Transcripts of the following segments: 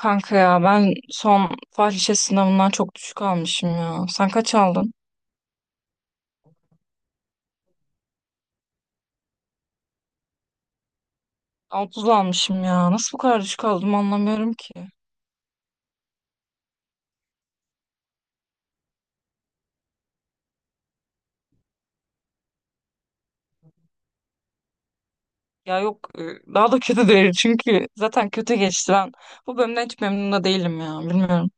Kanka ya ben son fahişe sınavından çok düşük almışım ya. Sen kaç aldın? 30 almışım ya. Nasıl bu kadar düşük aldım anlamıyorum ki. Ya yok daha da kötü değil çünkü zaten kötü geçti ben. Bu bölümden hiç memnun da değilim ya bilmiyorum.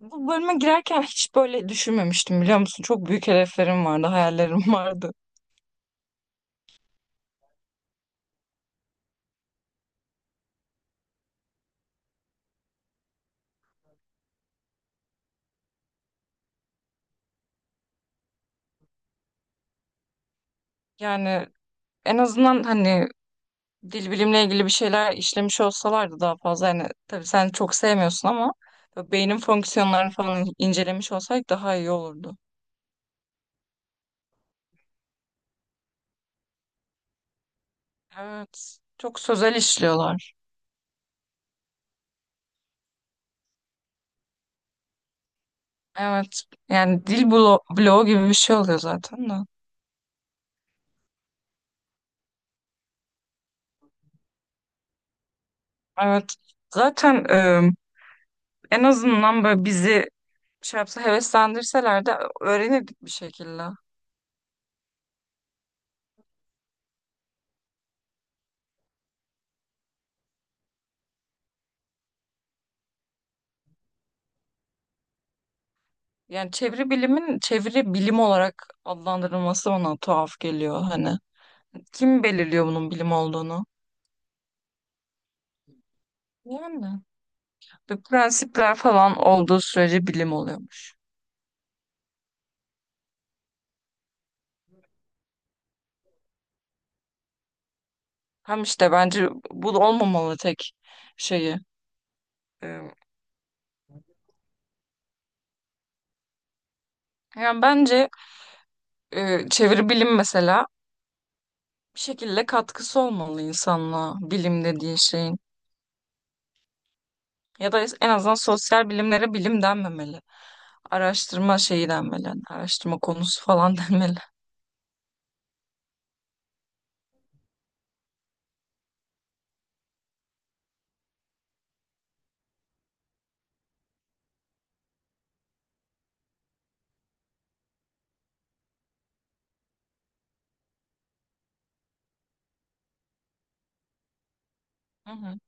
Bu bölüme girerken hiç böyle düşünmemiştim biliyor musun? Çok büyük hedeflerim vardı, hayallerim vardı. Yani en azından hani dil bilimle ilgili bir şeyler işlemiş olsalardı daha fazla hani tabii sen çok sevmiyorsun ama böyle beynin fonksiyonlarını falan incelemiş olsaydık daha iyi olurdu. Evet. Çok sözel işliyorlar. Evet. Yani dil bloğu gibi bir şey oluyor zaten de. Evet. Zaten en azından böyle bizi şey yapsa heveslendirseler de öğrenirdik bir şekilde. Yani çeviri bilimin çeviri bilim olarak adlandırılması bana tuhaf geliyor hani. Kim belirliyor bunun bilim olduğunu? Yani. Ve prensipler falan olduğu sürece bilim oluyormuş. Hem işte bence bu da olmamalı tek şeyi. Ee, Yani bence çeviri bilim mesela bir şekilde katkısı olmalı insanlığa bilim dediğin şeyin. Ya da en azından sosyal bilimlere bilim denmemeli. Araştırma şeyi denmeli. Yani araştırma konusu falan denmeli. Hı hı.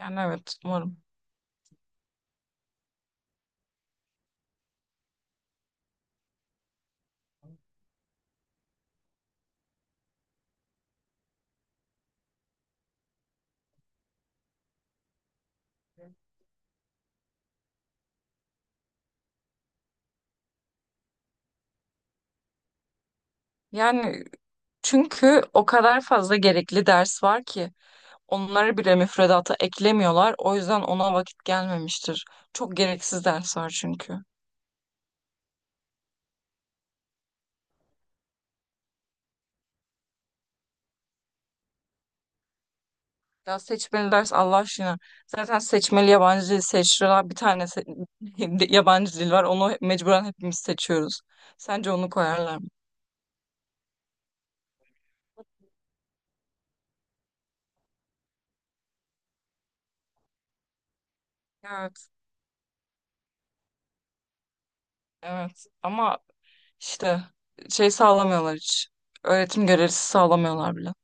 Yani evet umarım. Yani çünkü o kadar fazla gerekli ders var ki. Onları bile müfredata eklemiyorlar. O yüzden ona vakit gelmemiştir. Çok gereksiz ders var çünkü. Ya seçmeli ders Allah aşkına. Zaten seçmeli yabancı dil seçtiler. Yabancı dil var. Onu mecburen hepimiz seçiyoruz. Sence onu koyarlar mı? Evet. Evet. Ama işte şey sağlamıyorlar hiç. Öğretim görevlisi sağlamıyorlar bile.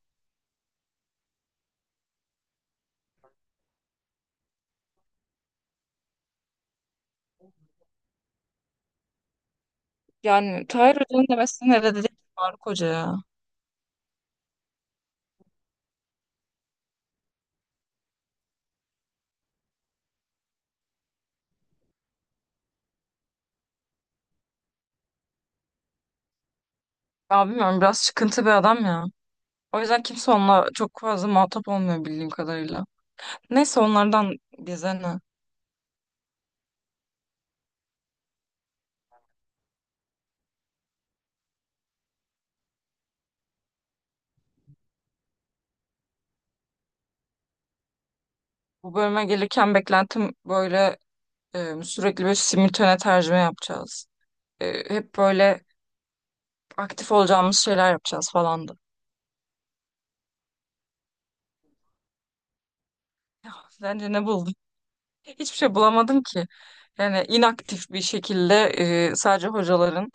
Yani Tahir Hoca'nın demesi ne dedi? Faruk Hoca ya. Ya bilmiyorum biraz çıkıntı bir adam ya. O yüzden kimse onunla çok fazla muhatap olmuyor bildiğim kadarıyla. Neyse onlardan bize ne? Bu bölüme gelirken beklentim böyle sürekli böyle simultane tercüme yapacağız. Hep böyle aktif olacağımız şeyler yapacağız falandı. Ya, sence ne buldun? Hiçbir şey bulamadım ki. Yani inaktif bir şekilde sadece hocaların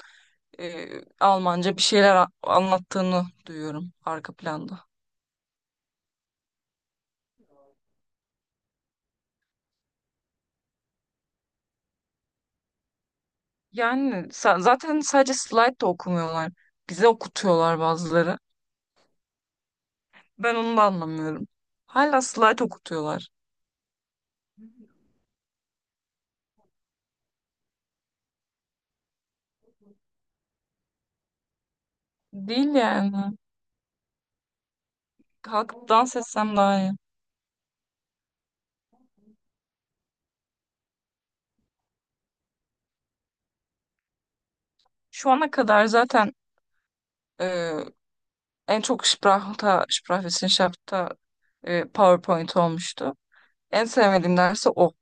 e, Almanca bir şeyler anlattığını duyuyorum arka planda. Yani zaten sadece slide de okumuyorlar. Bize okutuyorlar bazıları. Ben onu da anlamıyorum. Hala slide okutuyorlar. Değil yani. Kalkıp dans etsem daha iyi. Şu ana kadar zaten e, en çok Sprach'ta, Sprachwissenschaft'ta PowerPoint olmuştu. En sevmediğim dersi o.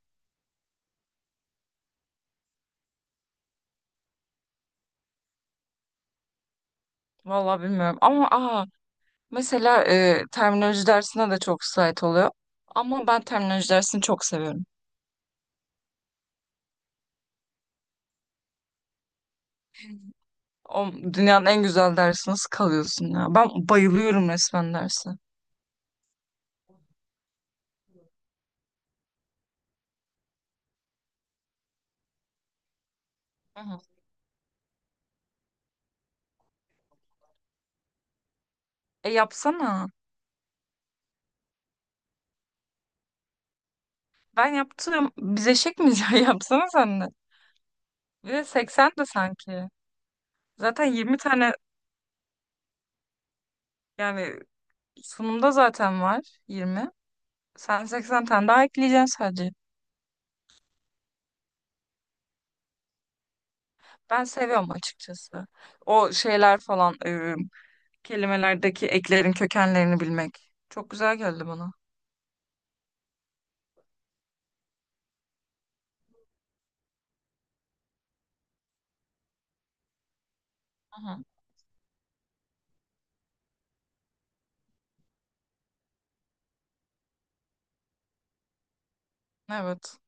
Vallahi bilmiyorum. Ama mesela terminoloji dersine de çok slayt oluyor. Ama ben terminoloji dersini çok seviyorum. O dünyanın en güzel dersi nasıl kalıyorsun ya? Ben bayılıyorum resmen dersi. Hı hı. E yapsana. Ben yaptım. Biz eşek miyiz ya? Yapsana sen de. Bir de 80 de sanki. Zaten 20 tane yani sunumda zaten var 20. Sen 80 tane daha ekleyeceksin sadece. Ben seviyorum açıkçası. O şeyler falan kelimelerdeki eklerin kökenlerini bilmek. Çok güzel geldi bana. Hı-hı. Evet.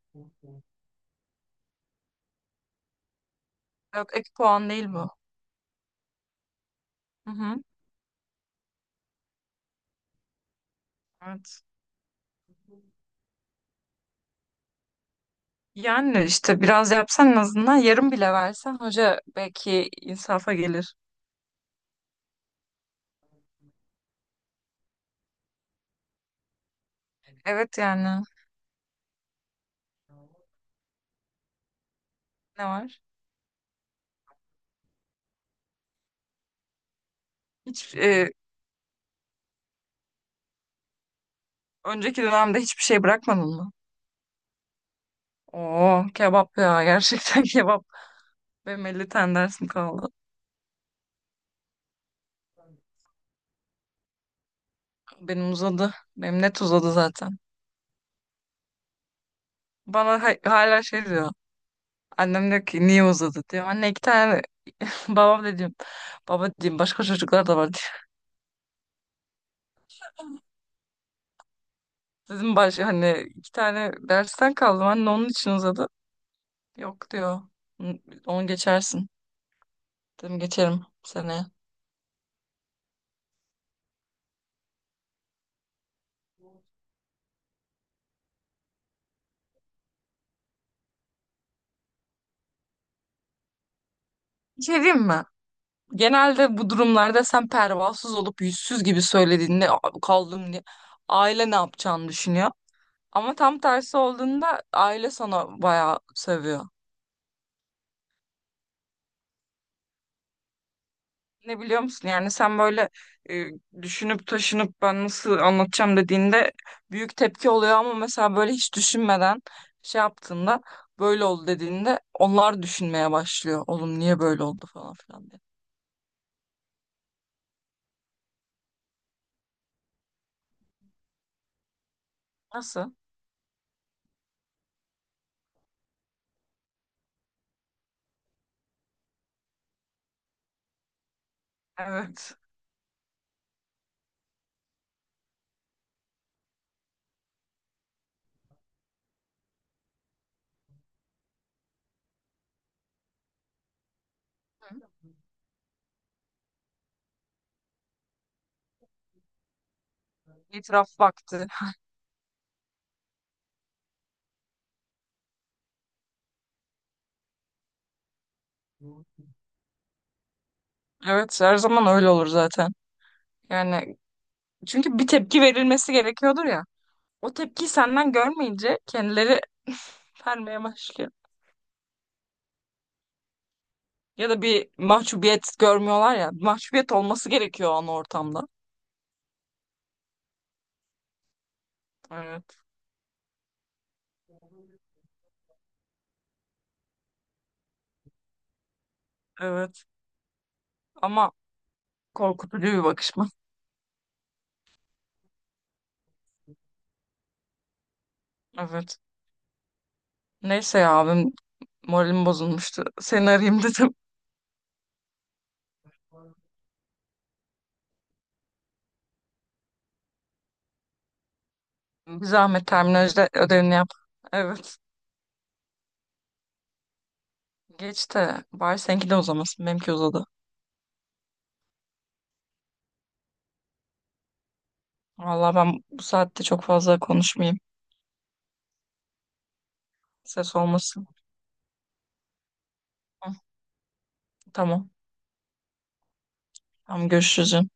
Yok ek puan değil bu. Hı-hı. Evet. Yani işte biraz yapsan en azından yarım bile versen hoca belki insafa gelir. Evet yani. Ne var? Hiç önceki dönemde hiçbir şey bırakmadın mı? Oo kebap ya gerçekten kebap. Benim 50 tane dersim kaldı. Benim uzadı. Benim net uzadı zaten. Bana hala şey diyor. Annem diyor ki niye uzadı diyor. Anne iki tane babam da diyorum. Baba diyeyim başka çocuklar da var diyor. Dedim hani iki tane dersten kaldım anne onun için uzadı. Yok diyor. "Hı, onu geçersin. Dedim geçerim seneye. Bir şey diyeyim mi? Genelde bu durumlarda sen pervasız olup yüzsüz gibi söylediğinde "Aa, kaldım diye aile ne yapacağını düşünüyor. Ama tam tersi olduğunda aile sana bayağı seviyor. Ne biliyor musun? Yani sen böyle e, düşünüp taşınıp ben nasıl anlatacağım dediğinde büyük tepki oluyor ama mesela böyle hiç düşünmeden şey yaptığında böyle oldu dediğinde onlar düşünmeye başlıyor. Oğlum niye böyle oldu falan filan diye. Nasıl? Evet. İtiraf vakti. Evet her zaman öyle olur zaten. Yani çünkü bir tepki verilmesi gerekiyordur ya. O tepkiyi senden görmeyince kendileri vermeye başlıyor. Ya da bir mahcubiyet görmüyorlar ya. Mahcubiyet olması gerekiyor o an ortamda. Evet, evet. Ama korkutucu bir bakışma. Evet. Neyse ya abim moralim bozulmuştu. Seni arayayım dedim. Bir zahmet terminolojide ödevini yap. Evet. Geç de bari seninki de uzamasın. Benimki uzadı. Vallahi ben bu saatte çok fazla konuşmayayım. Ses olmasın. Hı, tamam. Tamam görüşürüz canım.